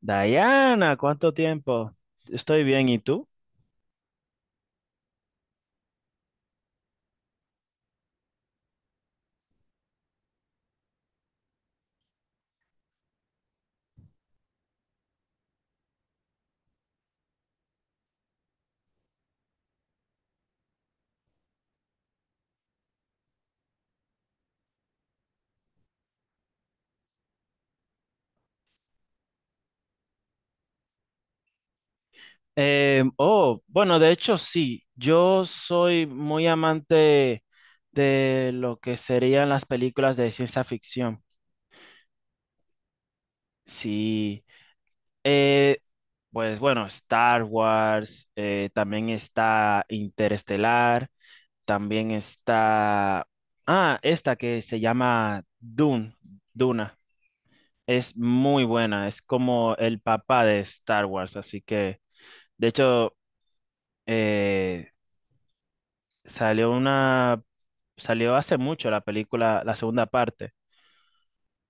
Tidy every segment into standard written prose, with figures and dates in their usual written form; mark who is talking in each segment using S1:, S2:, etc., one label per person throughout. S1: Diana, ¿cuánto tiempo? Estoy bien, ¿y tú? Oh, bueno, de hecho sí, yo soy muy amante de lo que serían las películas de ciencia ficción. Sí, eh, pues bueno, Star Wars, también está Interestelar, también está, esta que se llama Dune, Duna. Es muy buena, es como el papá de Star Wars, así que... De hecho, eh, salió una, salió hace mucho la película, la segunda parte,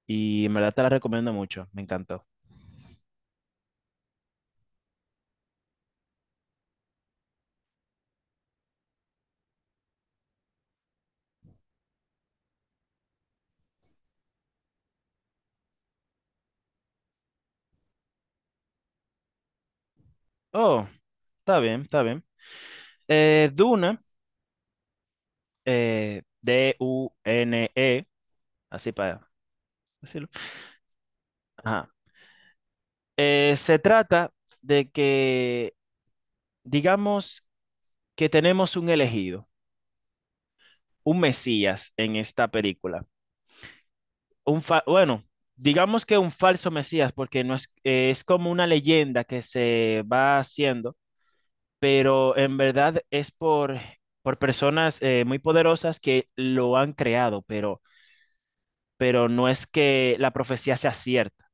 S1: y en verdad te la recomiendo mucho, me encantó. Oh, está bien, está bien. Duna, DUNE, así para decirlo. Ajá. Se trata de que, digamos que tenemos un elegido, un Mesías en esta película. Bueno, digamos que un falso Mesías, porque no es, es como una leyenda que se va haciendo, pero en verdad es por personas muy poderosas que lo han creado, pero no es que la profecía sea cierta.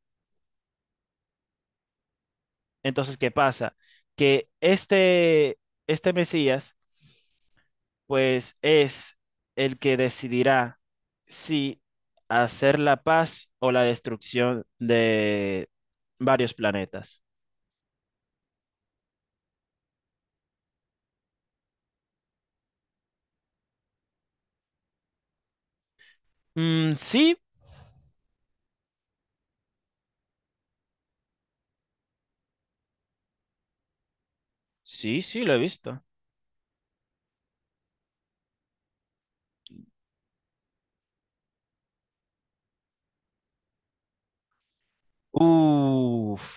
S1: Entonces, ¿qué pasa? Que este Mesías, pues es el que decidirá si hacer la paz o la destrucción de varios planetas. Mm, sí, sí, lo he visto. Uf,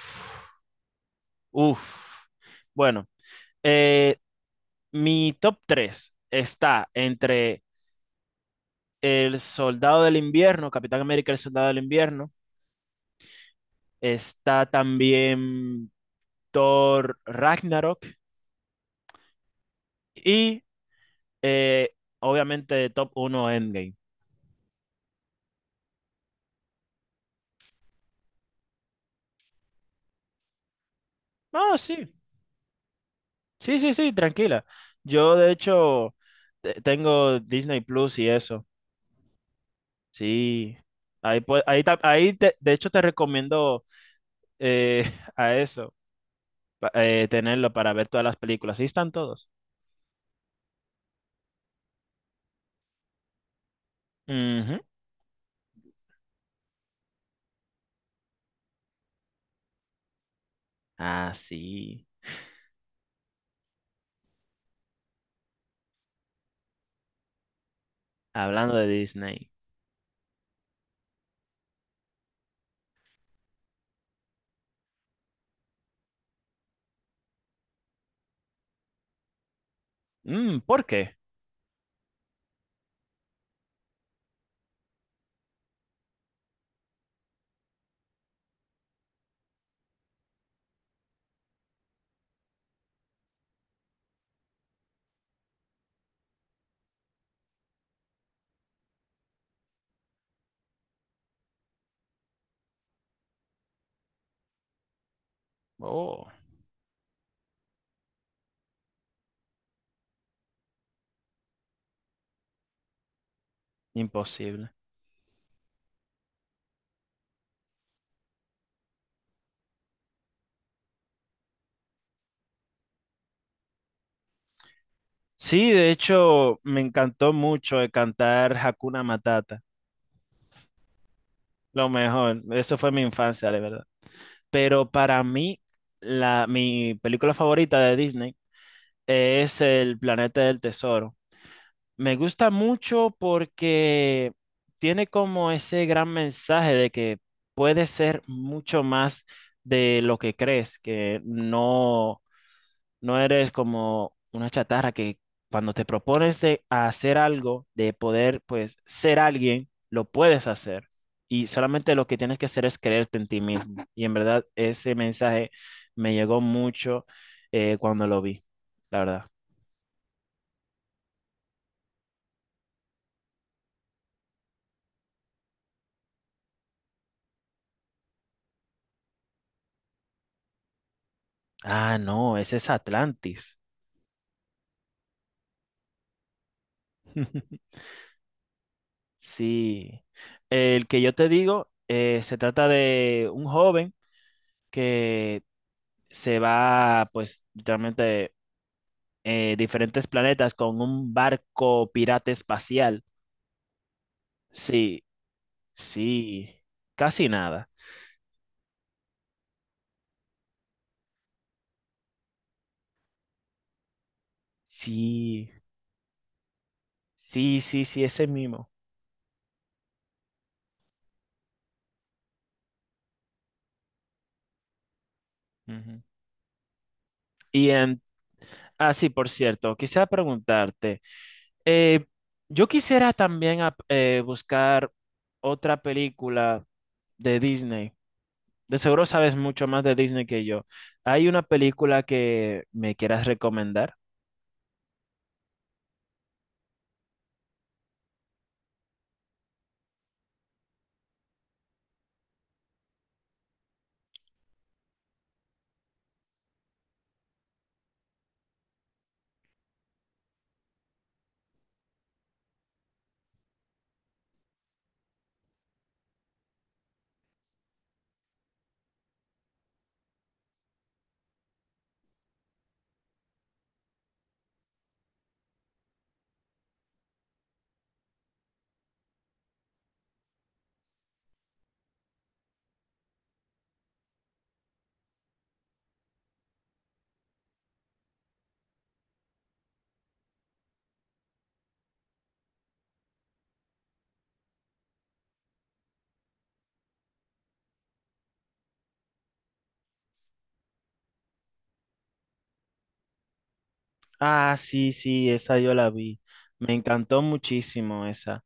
S1: uf. Bueno, eh, mi top 3 está entre El Soldado del Invierno, Capitán América, El Soldado del Invierno. Está también Thor Ragnarok y eh, obviamente top 1 Endgame. Ah, sí, sí, sí, sí, tranquila. Yo de hecho tengo Disney Plus y eso. Sí, ahí, pue- ahí, ta- ahí de hecho te recomiendo eh, a eso, tenerlo para ver todas las películas. Ahí están todos. Ujú. Ah, sí. Hablando de Disney. Mm, ¿por qué? Oh, imposible. Sí, de hecho, me encantó mucho el cantar Hakuna Matata. Lo mejor. Eso fue mi infancia, de verdad. Pero para mí, mi película favorita de Disney es El Planeta del Tesoro. Me gusta mucho porque tiene como ese gran mensaje de que puedes ser mucho más de lo que crees, que no, no eres como una chatarra que cuando te propones de hacer algo, de poder pues ser alguien, lo puedes hacer. Y solamente lo que tienes que hacer es creerte en ti mismo. Y en verdad ese mensaje me llegó mucho cuando lo vi, la verdad. Ah, no, ese es Atlantis. Sí, el que yo te digo se trata de un joven que se va, pues, literalmente diferentes planetas con un barco pirata espacial. Sí, sí, casi nada. Sí, sí, sí, sí, ese mismo. Ujú. Y, em, sí, por cierto, quisiera preguntarte, eh, yo quisiera también buscar otra película de Disney. De seguro sabes mucho más de Disney que yo. ¿Hay una película que me quieras recomendar? Ah, sí, sí, esa yo la vi. Me encantó muchísimo esa.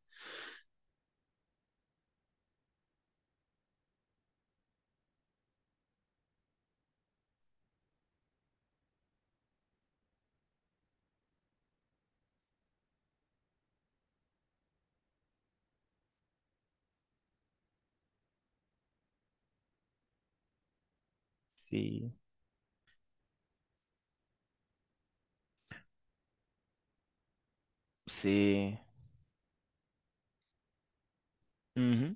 S1: Sí, sí. Ujú.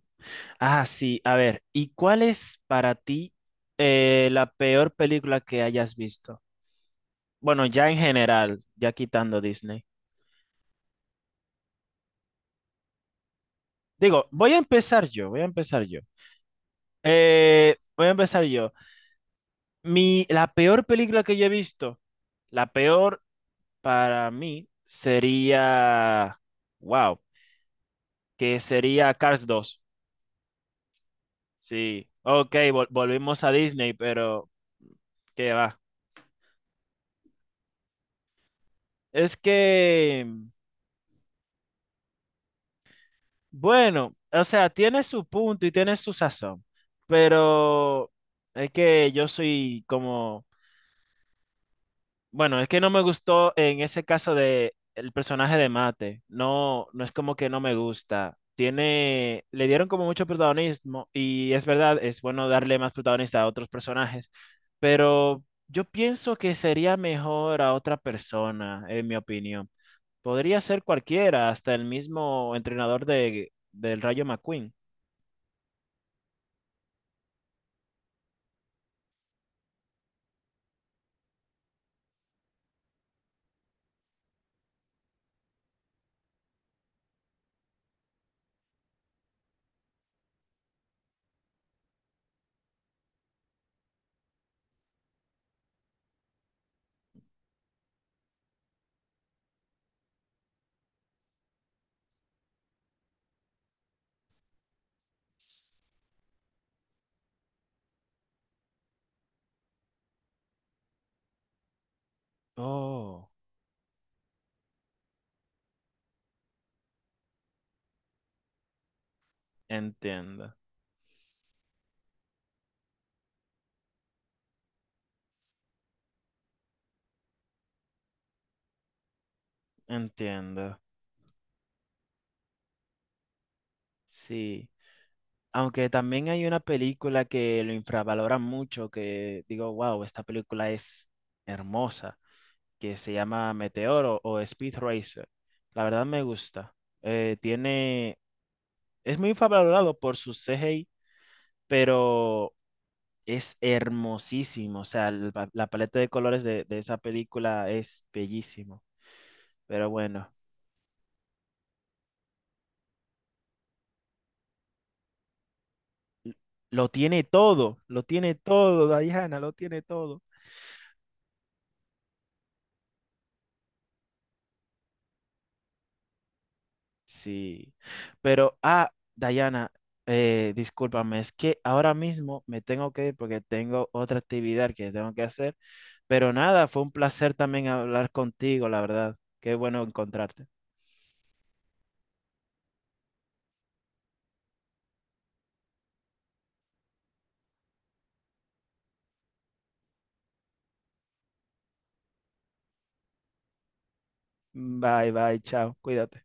S1: Ah, sí, a ver, ¿y cuál es para ti la peor película que hayas visto? Bueno, ya en general, ya quitando Disney. Digo, voy a empezar yo, voy a empezar yo. La peor película que yo he visto, la peor para mí sería, wow, que sería Cars 2. Sí, ok, volvimos a Disney, pero qué va. Es que, bueno, o sea, tiene su punto y tiene su sazón, pero es que yo soy como... Bueno, es que no me gustó en ese caso de el personaje de Mate. No, no es como que no me gusta. Tiene, le dieron como mucho protagonismo y es verdad, es bueno darle más protagonista a otros personajes, pero yo pienso que sería mejor a otra persona, en mi opinión. Podría ser cualquiera, hasta el mismo entrenador del Rayo McQueen. Oh, entiendo, entiendo. Sí. Aunque también hay una película que lo infravalora mucho, que digo, wow, esta película es hermosa, que se llama Meteoro o Speed Racer. La verdad me gusta. Eh, tiene, es muy infravalorado por su CGI, pero es hermosísimo. O sea, paleta de colores de esa película es bellísimo. Pero bueno, lo tiene todo, Diana, lo tiene todo. Sí, pero, Dayana, discúlpame, es que ahora mismo me tengo que ir porque tengo otra actividad que tengo que hacer, pero nada, fue un placer también hablar contigo, la verdad. Qué bueno encontrarte. Bye, bye, chao, cuídate.